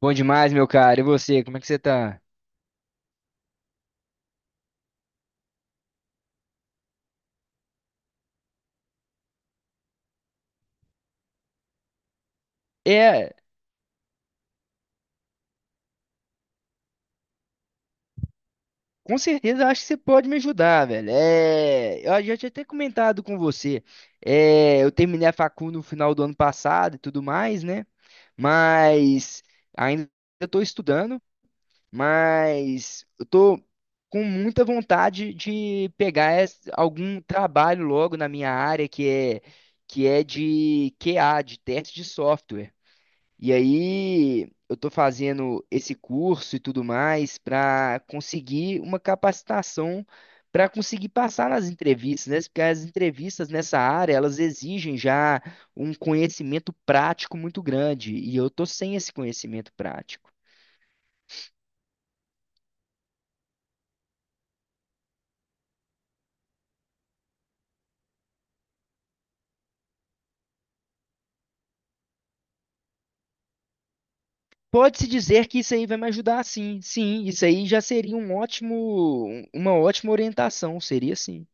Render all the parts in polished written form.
Bom demais, meu cara. E você, como é que você tá? É, com certeza eu acho que você pode me ajudar, velho. Eu já tinha até comentado com você. Eu terminei a facu no final do ano passado e tudo mais, né? Mas ainda estou estudando, mas eu tô com muita vontade de pegar algum trabalho logo na minha área que é de QA, de teste de software. E aí eu tô fazendo esse curso e tudo mais para conseguir uma capacitação para conseguir passar nas entrevistas, né? Porque as entrevistas nessa área, elas exigem já um conhecimento prático muito grande, e eu tô sem esse conhecimento prático. Pode-se dizer que isso aí vai me ajudar, sim. Sim, isso aí já seria um ótimo, um, uma ótima orientação, seria sim.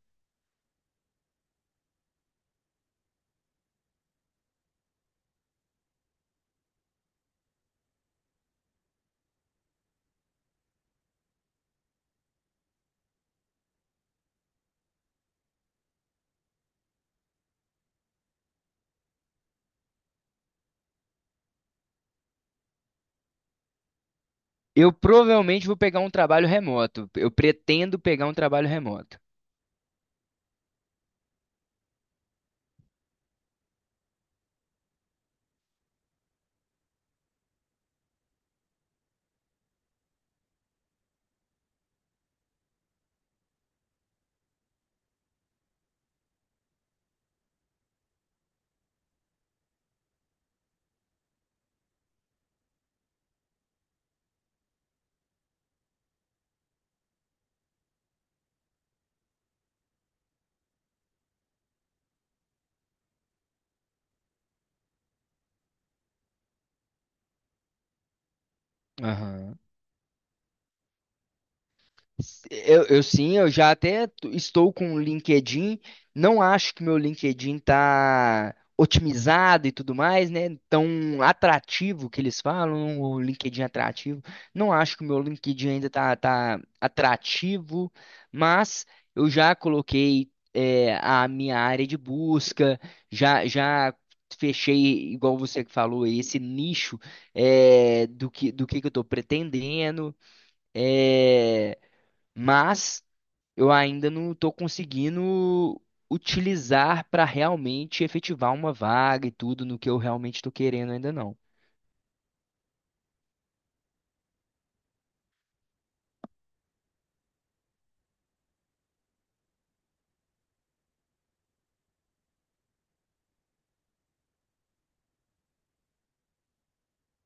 Eu provavelmente vou pegar um trabalho remoto. Eu pretendo pegar um trabalho remoto. Aham. Eu sim, eu já até estou com o LinkedIn. Não acho que meu LinkedIn tá otimizado e tudo mais, né? Tão atrativo que eles falam, o LinkedIn é atrativo. Não acho que o meu LinkedIn ainda tá atrativo, mas eu já coloquei a minha área de busca, já fechei, igual você que falou, esse nicho do do que eu estou pretendendo. eh, mas eu ainda não estou conseguindo utilizar para realmente efetivar uma vaga e tudo no que eu realmente estou querendo ainda não.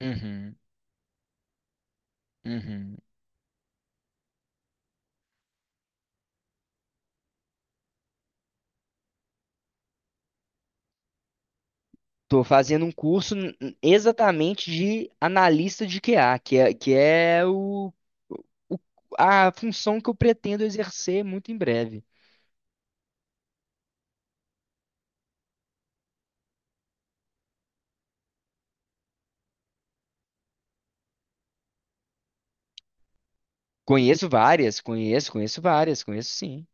Uhum, uhum. Estou fazendo um curso exatamente de analista de QA, que é o- a função que eu pretendo exercer muito em breve. Conheço várias, conheço várias, conheço sim.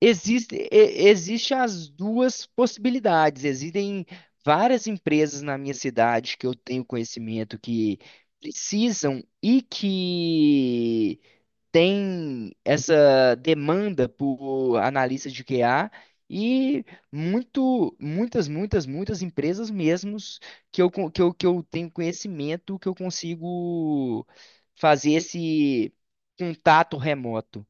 Existe, existe as duas possibilidades. Existem várias empresas na minha cidade que eu tenho conhecimento que precisam e que têm essa demanda por analistas de QA e muitas, muitas empresas mesmos que eu tenho conhecimento que eu consigo fazer esse contato remoto.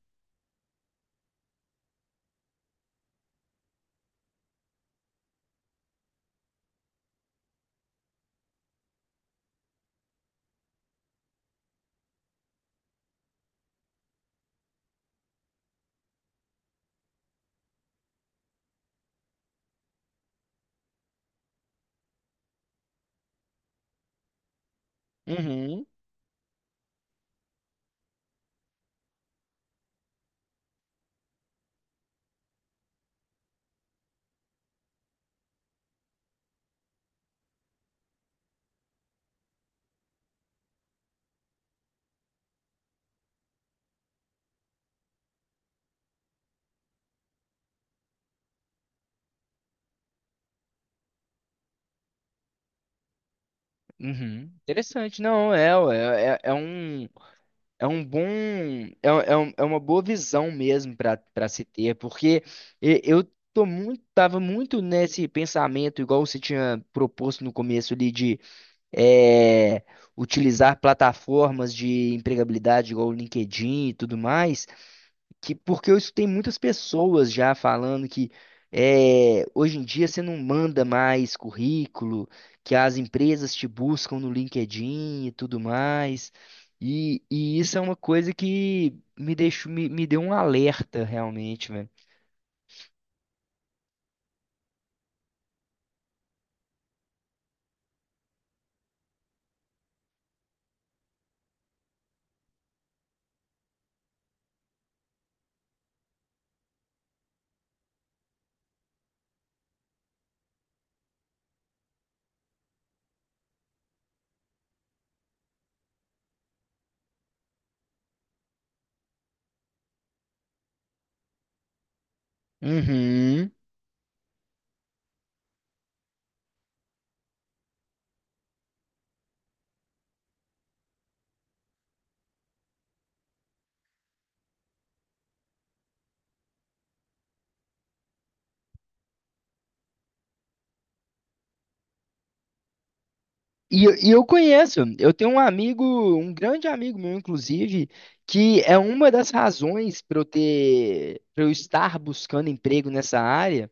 Uhum. Interessante, não, é, ué, é, é um bom, é uma boa visão mesmo para se ter, porque eu tava muito nesse pensamento, igual você tinha proposto no começo ali, de é, utilizar plataformas de empregabilidade, igual o LinkedIn e tudo mais, que porque eu escutei muitas pessoas já falando que hoje em dia você não manda mais currículo, que as empresas te buscam no LinkedIn e tudo mais. E isso é uma coisa que me deixou, me deu um alerta realmente, velho. Uhum. E eu conheço, eu tenho um amigo, um grande amigo meu, inclusive, que é uma das razões para eu ter, para eu estar buscando emprego nessa área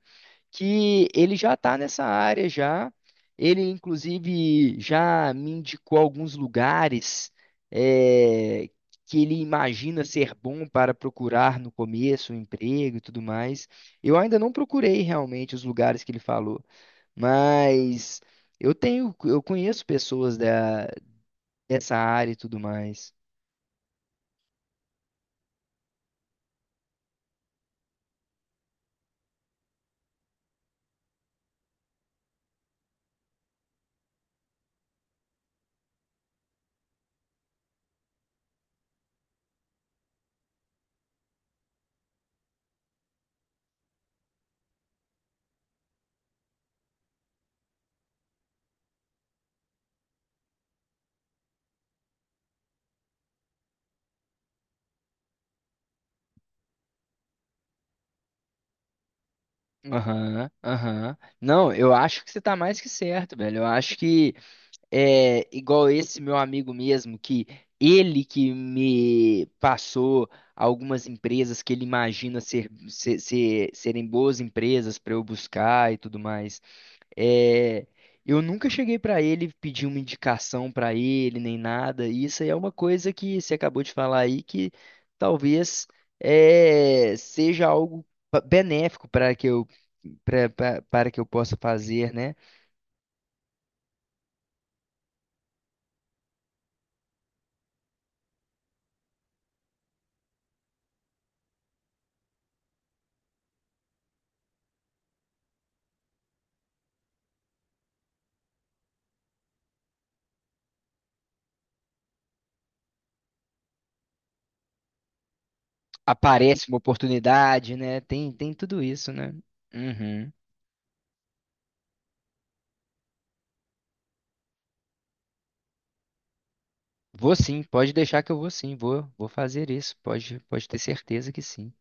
que ele já está nessa área já. Ele, inclusive, já me indicou alguns lugares eh, que ele imagina ser bom para procurar no começo, um emprego e tudo mais. Eu ainda não procurei realmente os lugares que ele falou, mas eu tenho, eu conheço pessoas da, dessa área e tudo mais. Aham, aham. Não, eu acho que você está mais que certo, velho. Eu acho que igual esse meu amigo mesmo, que ele que me passou algumas empresas que ele imagina serem boas empresas para eu buscar e tudo mais. É, eu nunca cheguei para ele pedir uma indicação para ele nem nada. E isso aí é uma coisa que você acabou de falar aí que talvez seja algo benéfico para que eu para que eu possa fazer, né? Aparece uma oportunidade, né? Tem, tem tudo isso, né? Uhum. Vou sim, pode deixar que eu vou sim, vou fazer isso, pode ter certeza que sim.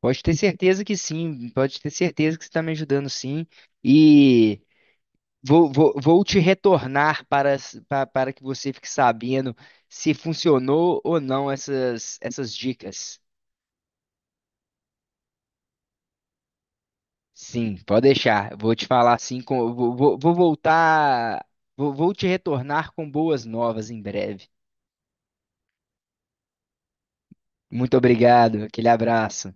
Pode ter certeza que sim, pode ter certeza que você está me ajudando sim. E vou te retornar para, para que você fique sabendo se funcionou ou não essas dicas. Sim, pode deixar. Vou te falar assim, com, vou, vou vou voltar, vou te retornar com boas novas em breve. Muito obrigado, aquele abraço.